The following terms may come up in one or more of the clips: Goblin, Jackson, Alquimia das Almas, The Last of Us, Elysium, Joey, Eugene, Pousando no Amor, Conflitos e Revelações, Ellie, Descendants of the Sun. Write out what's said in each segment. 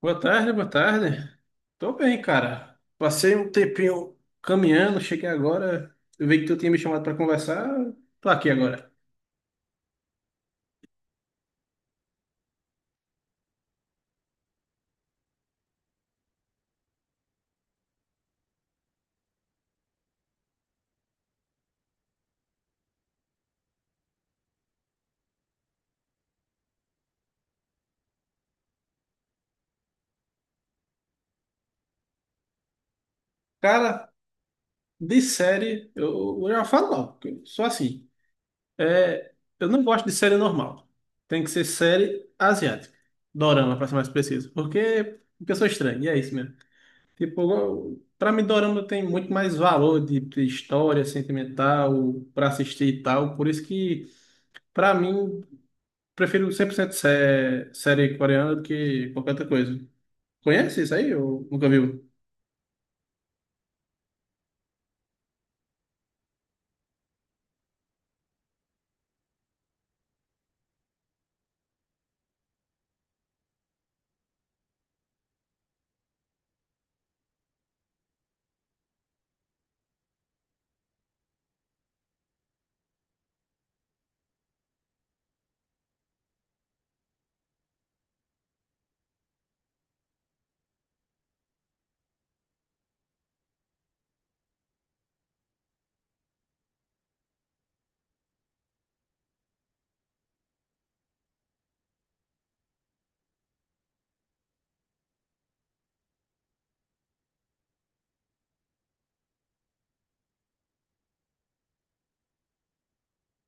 Boa tarde, boa tarde. Tô bem, cara. Passei um tempinho caminhando, cheguei agora. Eu vi que tu tinha me chamado pra conversar. Tô aqui agora. Cara, de série, eu já falo logo, porque eu sou assim. É, eu não gosto de série normal. Tem que ser série asiática. Dorama, pra ser mais preciso. Porque eu sou estranho, e é isso mesmo. Tipo, pra mim, Dorama tem muito mais valor de história sentimental, pra assistir e tal. Por isso que. Pra mim, prefiro 100% série coreana do que qualquer outra coisa. Conhece isso aí ou nunca viu?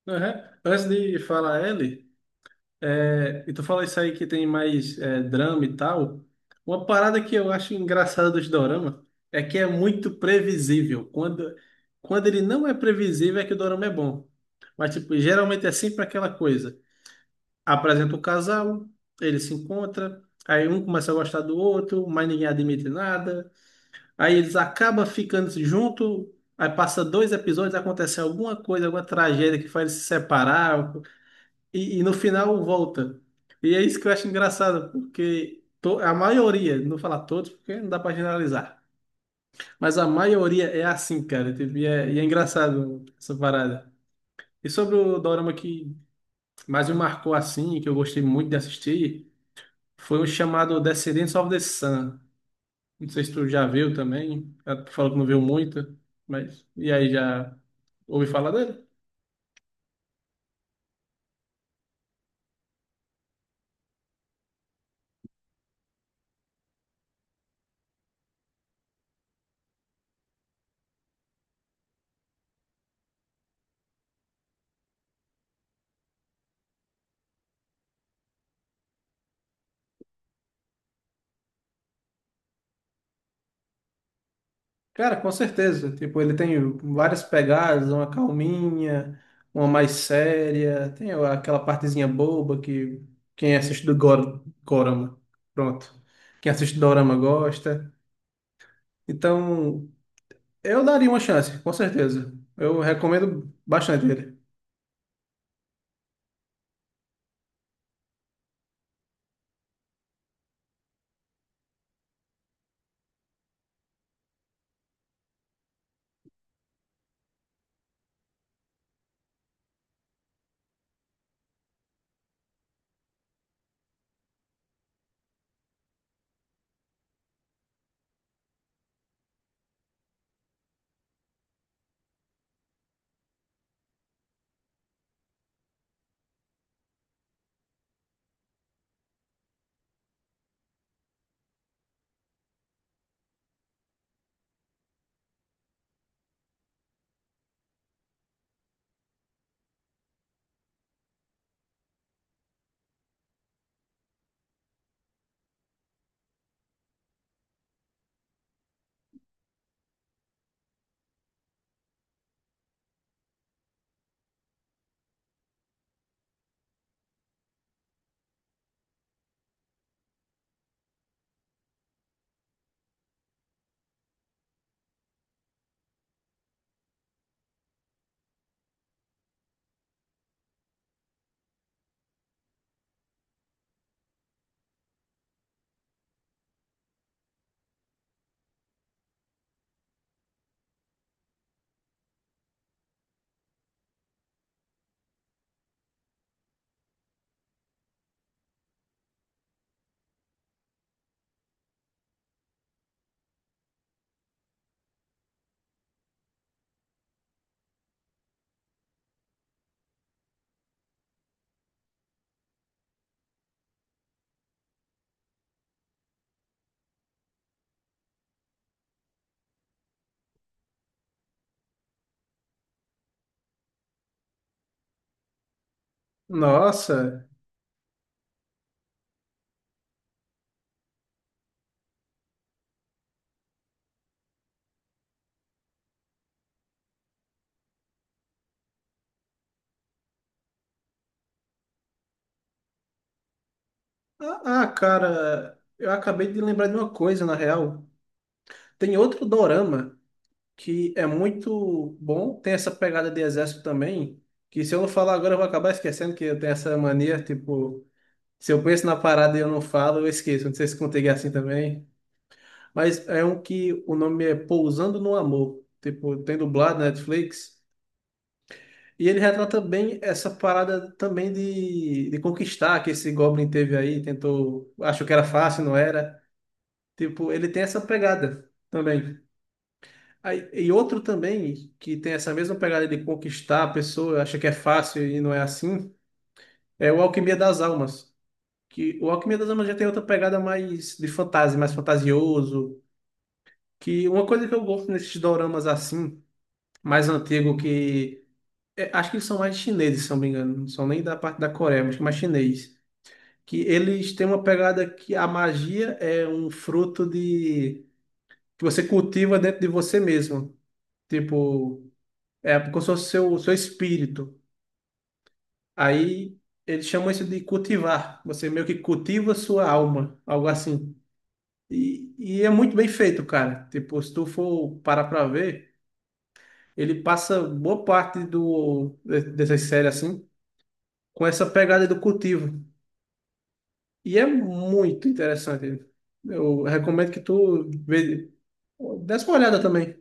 Aham. Antes de falar ele, é, e tu fala isso aí que tem mais é, drama e tal, uma parada que eu acho engraçada dos dorama é que é muito previsível. Quando ele não é previsível é que o dorama é bom. Mas, tipo, geralmente é sempre aquela coisa. Apresenta o casal, eles se encontram, aí um começa a gostar do outro, mas ninguém admite nada. Aí eles acabam ficando junto, aí passa dois episódios, acontece alguma coisa, alguma tragédia que faz eles se separar, e no final volta. E é isso que eu acho engraçado, porque a maioria, não vou falar todos, porque não dá pra generalizar, mas a maioria é assim, cara, tipo, e é engraçado essa parada. E sobre o dorama que mais me marcou assim, que eu gostei muito de assistir, foi o chamado Descendants of the Sun. Não sei se tu já viu também. Ela falou que não viu muito, mas. E aí, já ouvi falar dele? Cara, com certeza. Tipo, ele tem várias pegadas, uma calminha, uma mais séria, tem aquela partezinha boba que quem assiste do Gorama, pronto. Quem assiste do Dorama gosta. Então, eu daria uma chance, com certeza. Eu recomendo bastante ele. Nossa! Cara, eu acabei de lembrar de uma coisa, na real. Tem outro dorama que é muito bom, tem essa pegada de exército também, que se eu não falar agora eu vou acabar esquecendo que eu tenho essa mania, tipo, se eu penso na parada e eu não falo, eu esqueço. Não sei se contigo é assim também, mas é um que o nome é Pousando no Amor, tipo, tem dublado na Netflix, e ele retrata bem essa parada também de conquistar que esse Goblin teve aí, tentou, achou que era fácil, não era. Tipo, ele tem essa pegada também. Aí, e outro também, que tem essa mesma pegada de conquistar a pessoa, acha que é fácil e não é assim, é o Alquimia das Almas. Que o Alquimia das Almas já tem outra pegada mais de fantasia, mais fantasioso. Que uma coisa que eu gosto nesses doramas assim, mais antigo, que é, acho que eles são mais chineses, se eu não me engano, não são nem da parte da Coreia, mas que é mais chinês. Que eles têm uma pegada que a magia é um fruto de que você cultiva dentro de você mesmo. Tipo. É, porque eu sou seu espírito. Aí eles chamam isso de cultivar. Você meio que cultiva sua alma, algo assim. E é muito bem feito, cara. Tipo, se tu for parar pra ver, ele passa boa parte dessas séries assim, com essa pegada do cultivo. E é muito interessante. Eu recomendo que tu vê, desse uma olhada também.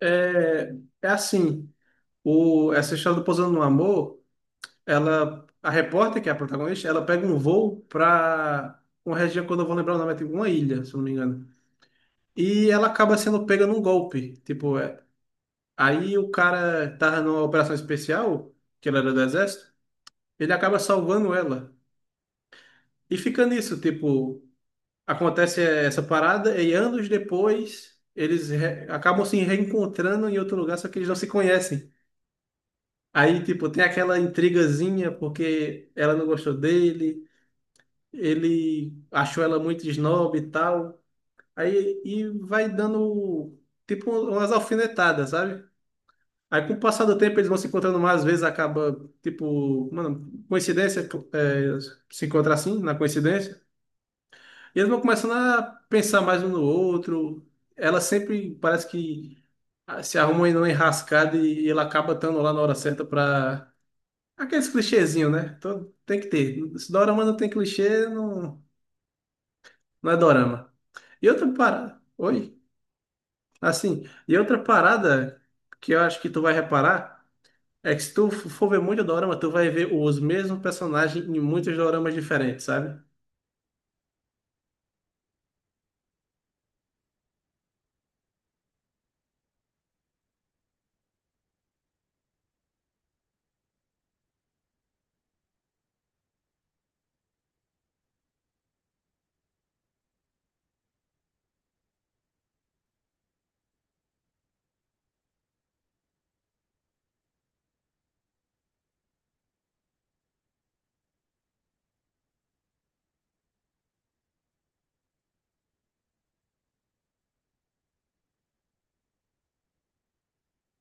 É, é assim, essa história do Pousando no Amor. Ela, a repórter, que é a protagonista, ela pega um voo para uma região que eu não vou lembrar o nome, é tipo uma ilha, se eu não me engano. E ela acaba sendo pega num golpe. Tipo, é, aí o cara tava numa operação especial, que ela era do exército, ele acaba salvando ela. E fica nisso, tipo, acontece essa parada e anos depois eles acabam se reencontrando em outro lugar, só que eles não se conhecem. Aí, tipo, tem aquela intrigazinha porque ela não gostou dele, ele achou ela muito snob e tal. Aí e vai dando tipo umas alfinetadas, sabe? Aí com o passar do tempo eles vão se encontrando mais vezes, acaba tipo, mano, coincidência, é, se encontrar assim, na coincidência. E eles vão começando a pensar mais um no outro. Ela sempre parece que se arruma em uma enrascada e ele acaba estando lá na hora certa pra. Aqueles clichêzinhos, né? Tem que ter. Se dorama não tem clichê, não, não é dorama. E outra parada. Oi? Assim, e outra parada que eu acho que tu vai reparar é que se tu for ver muito dorama, tu vai ver os mesmos personagens em muitos doramas diferentes, sabe?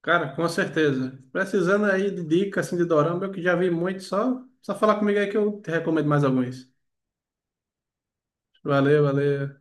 Cara, com certeza. Precisando aí de dicas assim, de dorama, eu que já vi muito, só falar comigo aí que eu te recomendo mais alguns. Valeu, valeu.